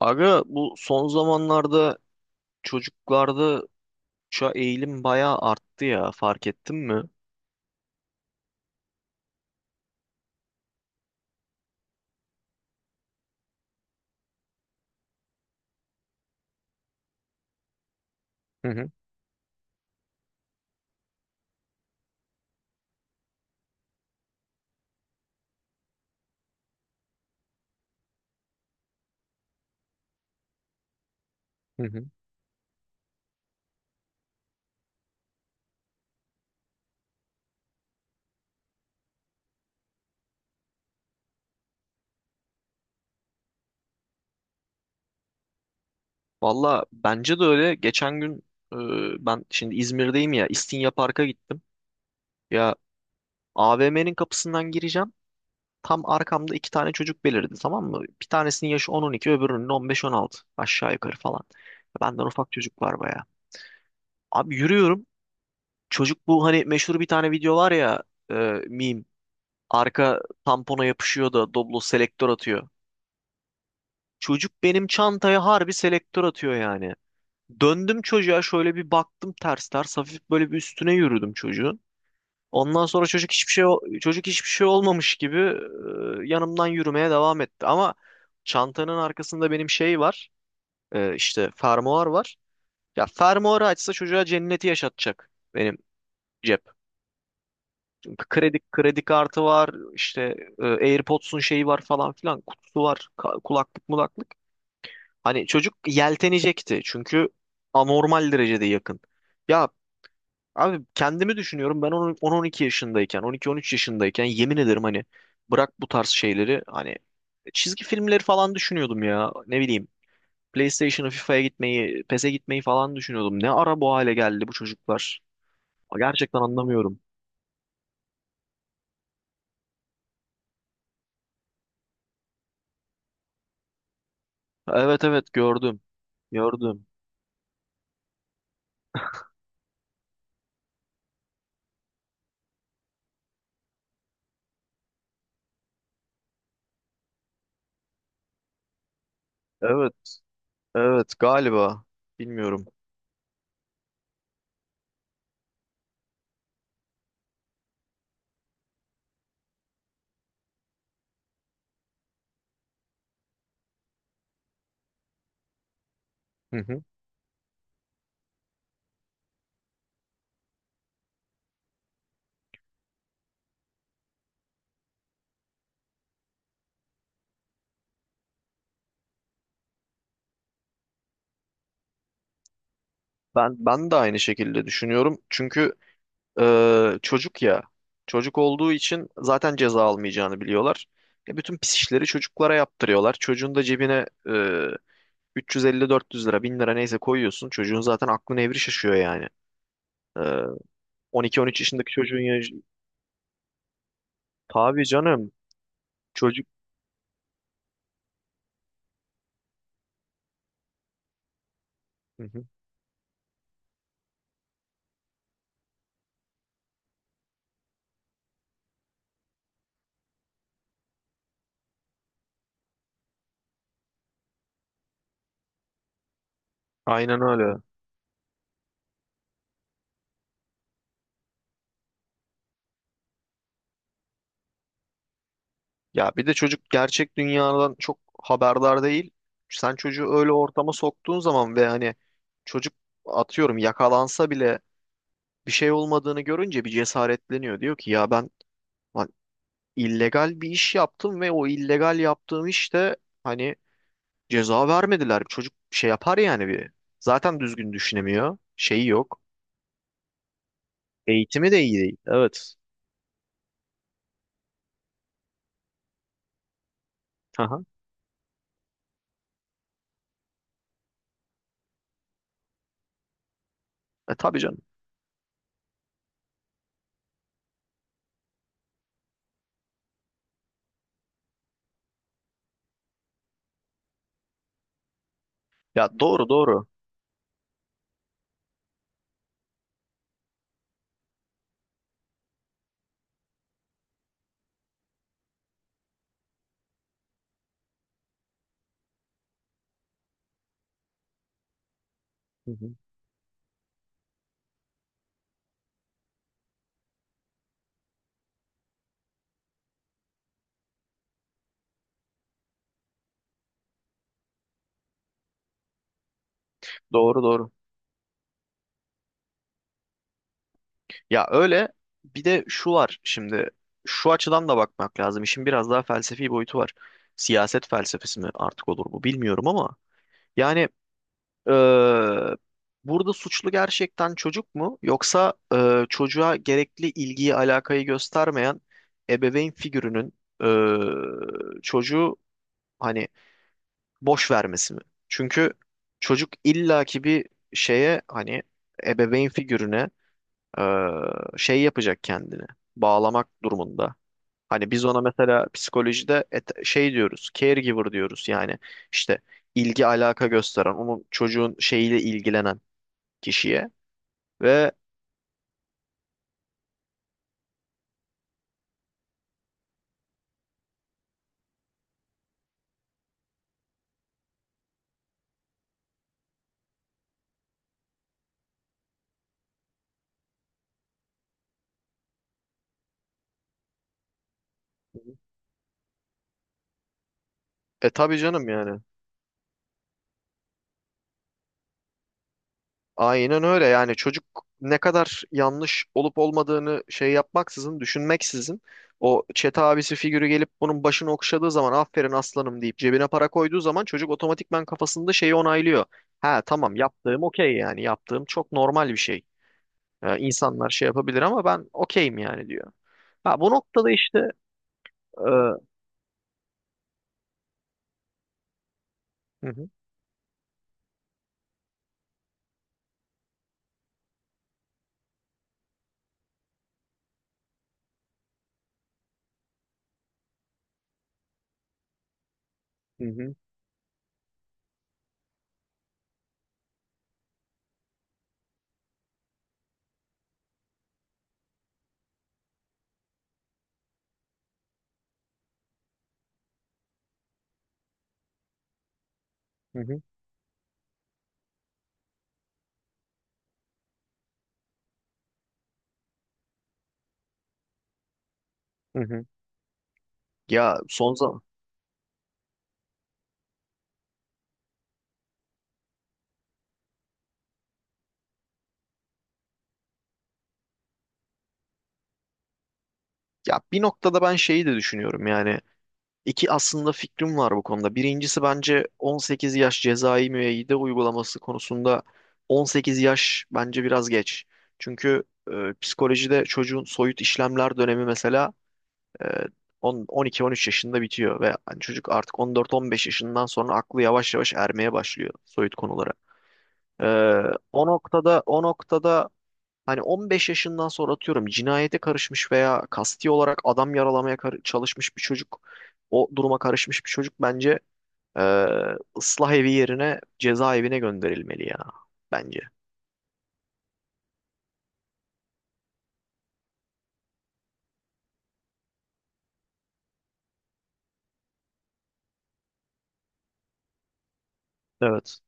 Aga, bu son zamanlarda çocuklarda şu eğilim bayağı arttı ya, fark ettin mi? Hı hı, hı hı. Valla bence de öyle. Geçen gün e, ben şimdi İzmir'deyim ya, İstinye Park'a gittim. Ya, AVM'nin kapısından gireceğim. Tam arkamda iki tane çocuk belirdi, tamam mı? Bir tanesinin yaşı 10-12, öbürünün 15-16 aşağı yukarı falan. Benden ufak çocuk var bayağı. Abi, yürüyorum. Çocuk bu, hani meşhur bir tane video var ya, e, meme. Arka tampona yapışıyor da Doblo selektör atıyor. Çocuk benim çantaya harbi selektör atıyor yani. Döndüm çocuğa şöyle bir baktım ters ters, hafif böyle bir üstüne yürüdüm çocuğun. Ondan sonra çocuk hiçbir şey olmamış gibi yanımdan yürümeye devam etti. Ama çantanın arkasında benim şey var, işte fermuar var. Ya fermuarı açsa çocuğa cenneti yaşatacak benim cep. Kredi kartı var, işte AirPods'un şeyi var falan filan, kutusu var, kulaklık mulaklık. Hani çocuk yeltenecekti, çünkü anormal derecede yakın. Ya abi, kendimi düşünüyorum ben 10-12 yaşındayken, 12-13 yaşındayken, yemin ederim hani, bırak bu tarz şeyleri, hani çizgi filmleri falan düşünüyordum ya, ne bileyim. PlayStation'a, FIFA'ya gitmeyi, PES'e gitmeyi falan düşünüyordum. Ne ara bu hale geldi bu çocuklar? Gerçekten anlamıyorum. Evet, evet, gördüm. Gördüm. Evet, evet galiba. Bilmiyorum. Hı hı. Ben de aynı şekilde düşünüyorum. Çünkü çocuk ya. Çocuk olduğu için zaten ceza almayacağını biliyorlar. E, bütün pis işleri çocuklara yaptırıyorlar. Çocuğun da cebine 350-400 lira, 1000 lira neyse koyuyorsun. Çocuğun zaten aklı nevri şaşıyor yani. E, 12-13 yaşındaki çocuğun ya... Tabii canım. Çocuk. Hı hı. Aynen öyle. Ya bir de çocuk gerçek dünyadan çok haberdar değil. Sen çocuğu öyle ortama soktuğun zaman, ve hani çocuk, atıyorum, yakalansa bile bir şey olmadığını görünce bir cesaretleniyor. Diyor ki ya ben, lan, illegal bir iş yaptım ve o illegal yaptığım işte, hani, ceza vermediler. Çocuk şey yapar yani bir. Zaten düzgün düşünemiyor. Şeyi yok. Eğitimi de iyi değil. Evet. Aha. E tabii canım. Ya, doğru, doğru. Hı hı. Doğru, doğru. Ya öyle. Bir de şu var şimdi, şu açıdan da bakmak lazım. İşin biraz daha felsefi boyutu var. Siyaset felsefesi mi artık olur bu, bilmiyorum ama yani, eee, burada suçlu gerçekten çocuk mu, yoksa çocuğa gerekli ilgiyi alakayı göstermeyen ebeveyn figürünün çocuğu, hani, boş vermesi mi? Çünkü çocuk illaki bir şeye, hani ebeveyn figürüne e, şey yapacak kendini. Bağlamak durumunda. Hani biz ona mesela psikolojide şey diyoruz, caregiver diyoruz yani, işte ilgi alaka gösteren, onun, çocuğun şeyiyle ilgilenen kişiye. Ve tabii canım yani, aynen öyle yani. Çocuk, ne kadar yanlış olup olmadığını şey yapmaksızın, düşünmeksizin, o çete abisi figürü gelip bunun başını okşadığı zaman, aferin aslanım deyip cebine para koyduğu zaman, çocuk otomatikman kafasında şeyi onaylıyor. Ha, tamam, yaptığım okey yani, yaptığım çok normal bir şey. İnsanlar şey yapabilir ama ben okeyim yani, diyor. Ha, bu noktada işte hı hı, hı hı, hı hı, hı hı. Ya son zaman ya bir noktada ben şeyi de düşünüyorum yani. İki aslında fikrim var bu konuda. Birincisi, bence 18 yaş cezai müeyyide uygulaması konusunda 18 yaş bence biraz geç. Çünkü e, psikolojide çocuğun soyut işlemler dönemi mesela e, 10 12-13 yaşında bitiyor ve hani çocuk artık 14-15 yaşından sonra aklı yavaş yavaş ermeye başlıyor soyut konulara. E, o noktada, hani 15 yaşından sonra, atıyorum, cinayete karışmış veya kasti olarak adam yaralamaya çalışmış bir çocuk, o duruma karışmış bir çocuk bence e, ıslah evi yerine cezaevine gönderilmeli ya, bence. Evet.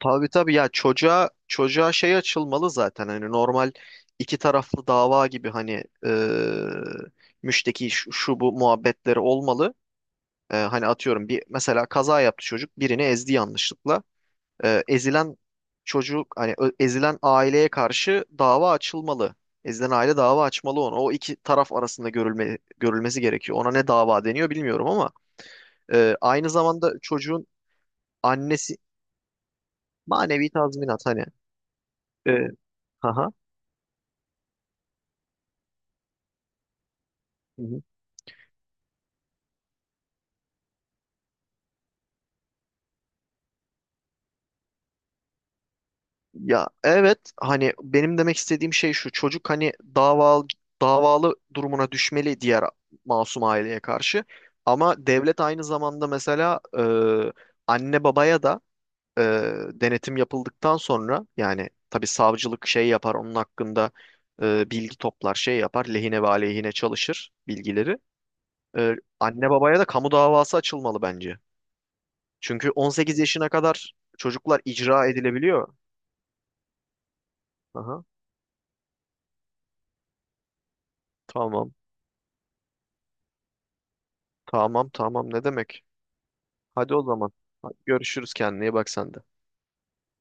Tabii, tabii ya, çocuğa şey açılmalı zaten, hani normal iki taraflı dava gibi, hani müşteki şu bu muhabbetleri olmalı. E, hani atıyorum, bir mesela kaza yaptı çocuk, birini ezdi yanlışlıkla. Ezilen çocuk, hani ezilen aileye karşı dava açılmalı. Ezilen aile dava açmalı onu. O iki taraf arasında görülmesi gerekiyor. Ona ne dava deniyor bilmiyorum ama aynı zamanda çocuğun annesi manevi tazminat hani. E, haha. Hı hı. Ya evet, hani benim demek istediğim şey şu: çocuk, hani, davalı durumuna düşmeli diğer masum aileye karşı. Ama devlet aynı zamanda, mesela anne babaya da e, denetim yapıldıktan sonra, yani tabii savcılık şey yapar onun hakkında, bilgi toplar, şey yapar, lehine ve aleyhine çalışır bilgileri. E, anne babaya da kamu davası açılmalı bence. Çünkü 18 yaşına kadar çocuklar icra edilebiliyor. Aha, tamam, tamam, tamam, ne demek. Hadi o zaman. Hadi, görüşürüz, kendine iyi bak sen de.